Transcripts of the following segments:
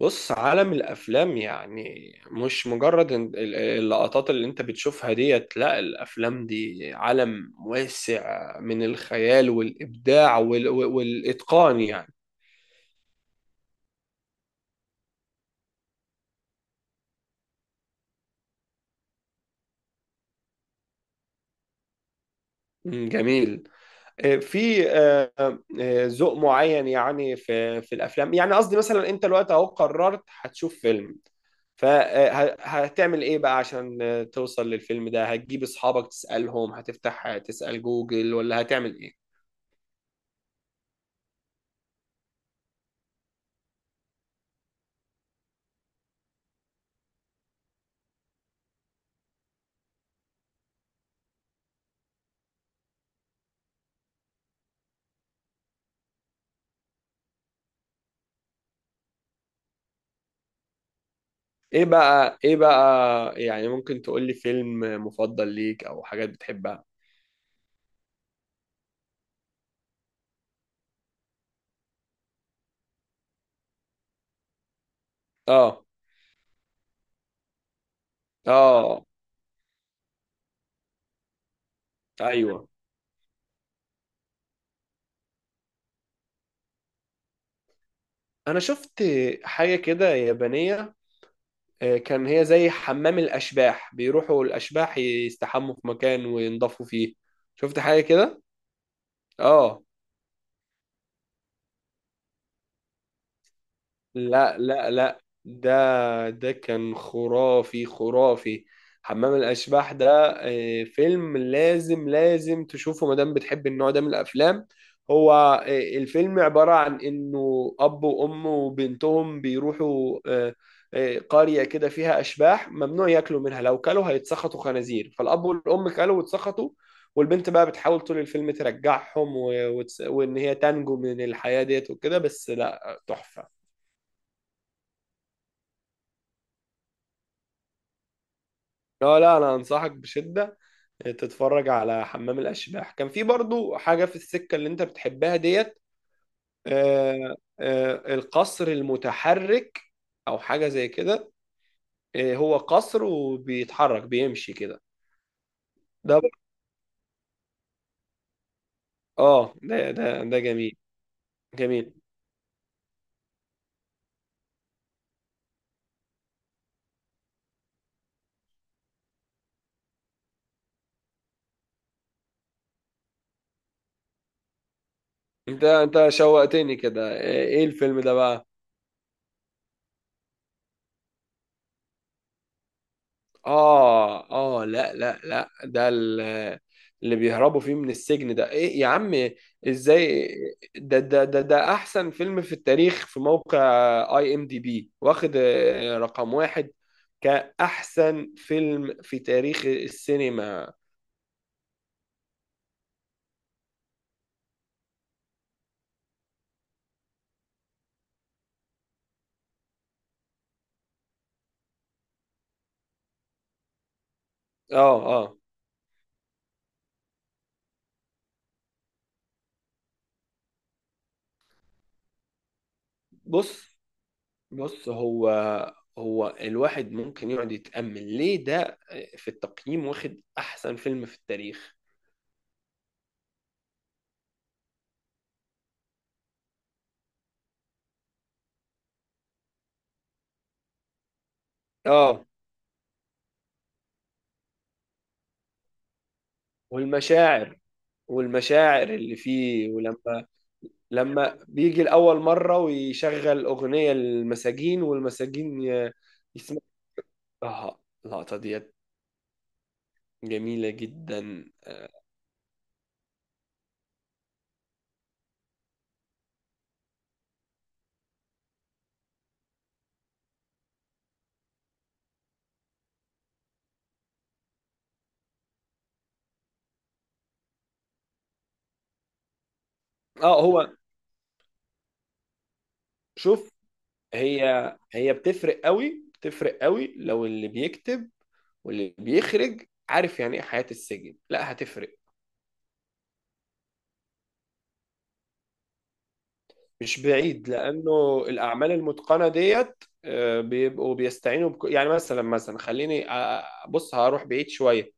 بص، عالم الافلام، يعني مش مجرد اللقطات اللي انت بتشوفها ديت. لا، الافلام دي عالم واسع من الخيال والابداع والاتقان يعني. مم، جميل. آه، في آه، ذوق معين، يعني في الافلام. يعني قصدي، مثلا انت دلوقتي اهو قررت هتشوف فيلم، فهتعمل ايه بقى عشان توصل للفيلم ده؟ هتجيب اصحابك تسالهم؟ هتفتح تسال جوجل؟ ولا هتعمل ايه؟ ايه بقى، يعني ممكن تقول لي فيلم مفضل ليك او حاجات بتحبها؟ اه، اه، ايوه، انا شفت حاجة كده يابانية، كان هي زي حمام الاشباح، بيروحوا الاشباح يستحموا في مكان وينضفوا فيه. شفت حاجة كده؟ اه، لا، لا، لا، ده كان خرافي، خرافي. حمام الأشباح ده فيلم لازم، لازم تشوفه ما دام بتحب النوع ده من الأفلام. هو، الفيلم عبارة عن إنه أب وأم وبنتهم بيروحوا قرية كده فيها أشباح، ممنوع ياكلوا منها، لو كلوا هيتسخطوا خنازير. فالأب والأم كلوا واتسخطوا، والبنت بقى بتحاول طول الفيلم ترجعهم وإن هي تنجو من الحياة ديت وكده. بس لا، تحفة. لا، لا، انا انصحك بشدة تتفرج على حمام الاشباح. كان في برضو حاجة في السكة اللي انت بتحبها ديت. القصر المتحرك، او حاجة زي كده. هو قصر وبيتحرك، بيمشي كده. ده اه، ده جميل، جميل. انت شوقتني كده. ايه الفيلم ده بقى؟ اه، اه، لا، لا، لا، ده اللي بيهربوا فيه من السجن. ده ايه يا عم؟ ازاي؟ ده احسن فيلم في التاريخ، في موقع IMDB، واخد رقم واحد كأحسن فيلم في تاريخ السينما. اه، اه، بص، بص، هو هو الواحد ممكن يقعد يتأمل ليه ده في التقييم واخد احسن فيلم في التاريخ. اه، والمشاعر والمشاعر اللي فيه. ولما بيجي لأول مرة ويشغل أغنية للمساجين، والمساجين يسمعوا. آه اللقطة ديت جميلة جدا، اه. هو، شوف، هي هي بتفرق قوي، بتفرق قوي، لو اللي بيكتب واللي بيخرج عارف يعني ايه حياة السجن، لا، هتفرق. مش بعيد، لانه الاعمال المتقنه ديت بيبقوا بيستعينوا يعني مثلا، خليني بص، هروح بعيد شويه.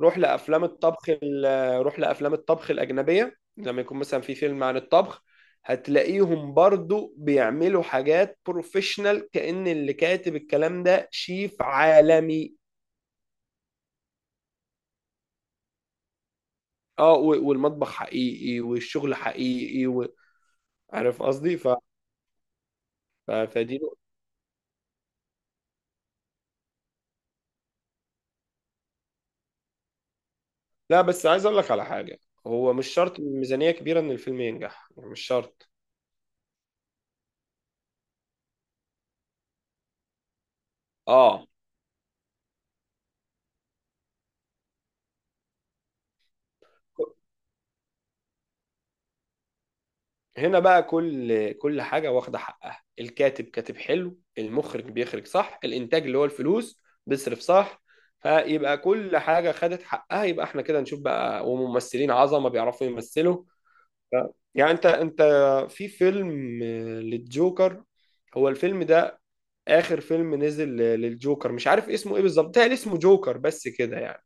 روح لافلام الطبخ ال... روح لافلام الطبخ الاجنبيه، لما يكون مثلا في فيلم عن الطبخ، هتلاقيهم برضو بيعملوا حاجات بروفيشنال، كأن اللي كاتب الكلام ده شيف عالمي. اه، والمطبخ حقيقي والشغل حقيقي عارف قصدي؟ فدي... لا، بس عايز اقول لك على حاجه، هو مش شرط ميزانيه كبيره ان الفيلم ينجح، يعني مش شرط. اه، هنا بقى كل حاجه واخده حقها، الكاتب كاتب حلو، المخرج بيخرج صح، الانتاج اللي هو الفلوس بيصرف صح، فيبقى كل حاجه خدت حقها، يبقى احنا كده نشوف بقى، وممثلين عظمه بيعرفوا يمثلوا. ف... يعني انت، في فيلم للجوكر، هو الفيلم ده اخر فيلم نزل للجوكر، مش عارف اسمه ايه بالظبط، ده اسمه جوكر بس كده يعني.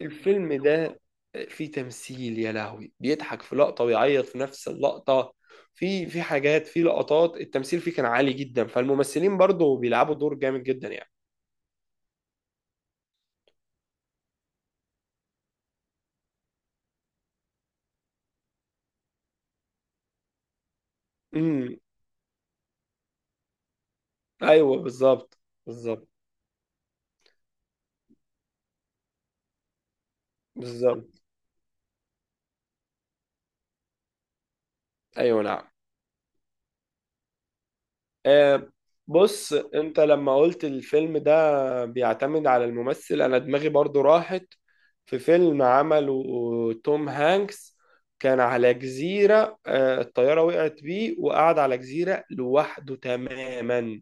الفيلم ده فيه تمثيل يا لهوي، بيضحك في لقطة ويعيط في نفس اللقطة. في حاجات في لقطات التمثيل فيه كان عالي جدا، فالممثلين برضو بيلعبوا دور جامد جدا يعني. امم ايوه، بالظبط، بالظبط. بالظبط، ايوه، نعم. آه، بص، انت لما قلت الفيلم ده بيعتمد على الممثل، انا دماغي برضو راحت في فيلم عمله توم هانكس. كان على جزيرة، الطيارة وقعت بيه وقعد على جزيرة لوحده تماما.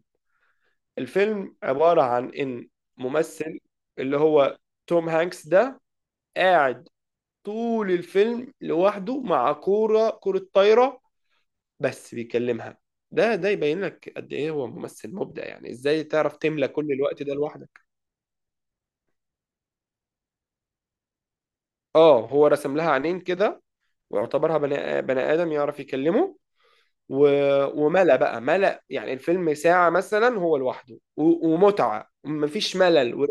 الفيلم عبارة عن ان ممثل، اللي هو توم هانكس ده، قاعد طول الفيلم لوحده مع كرة طايرة، بس بيكلمها. ده يبين لك قد ايه هو ممثل مبدع، يعني ازاي تعرف تملى كل الوقت ده لوحدك. اه، هو رسم لها عينين كده واعتبرها بني ادم يعرف يكلمه. و... وملأ بقى، يعني الفيلم ساعة مثلا هو لوحده ومتعة، مفيش ملل. و...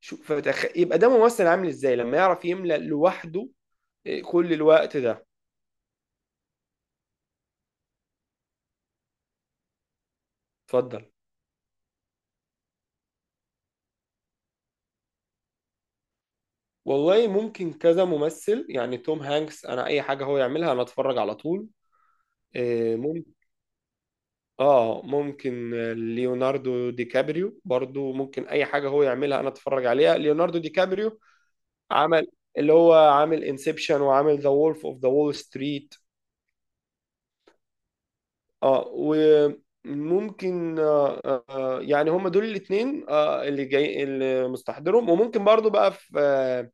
شو- فتخ... يبقى ده ممثل عامل ازاي لما يعرف يملأ لوحده كل الوقت ده. اتفضل. والله، ممكن كذا ممثل، يعني توم هانكس، انا اي حاجة هو يعملها انا اتفرج على طول. إيه، اه، ممكن ليوناردو دي كابريو برضو، ممكن اي حاجه هو يعملها انا اتفرج عليها. ليوناردو دي كابريو عمل، اللي هو عامل انسبشن، وعامل ذا وولف اوف ذا وول ستريت. اه، وممكن، يعني هم دول الاثنين، اللي جاي، اللي مستحضرهم. وممكن برضو بقى في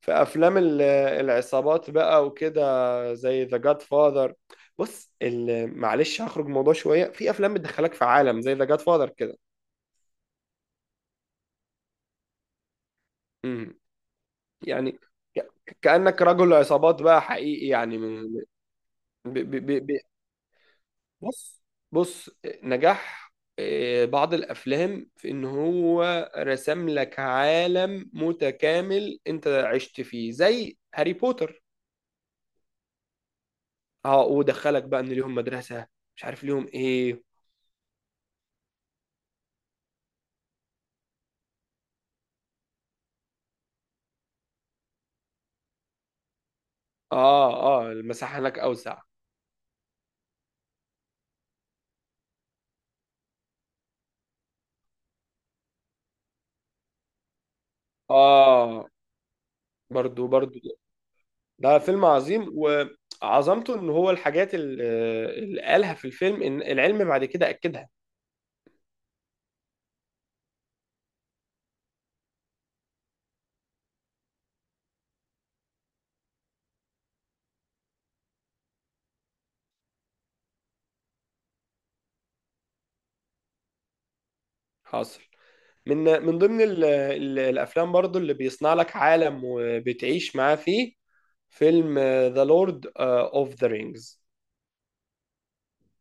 في افلام العصابات بقى وكده، زي ذا جاد فاذر. بص، معلش هخرج من الموضوع شويه. في افلام بتدخلك في عالم زي ذا جاد فاذر كده، يعني ك- كأنك رجل عصابات بقى حقيقي يعني، من ب- ب- ب- ب- بص، بص، نجاح بعض الأفلام في إن هو رسم لك عالم متكامل أنت عشت فيه، زي هاري بوتر. اه، ودخلك بقى إن ليهم مدرسة، مش عارف ليهم إيه. اه، اه، المساحة هناك أوسع. اه، برضو، برضو، ده فيلم عظيم. وعظمته إن هو الحاجات اللي قالها في الفيلم إن العلم بعد كده أكدها. حاصل، من من ضمن ال ال الافلام برضو اللي بيصنع لك عالم وبتعيش معاه فيه، فيلم ذا لورد اوف ذا رينجز.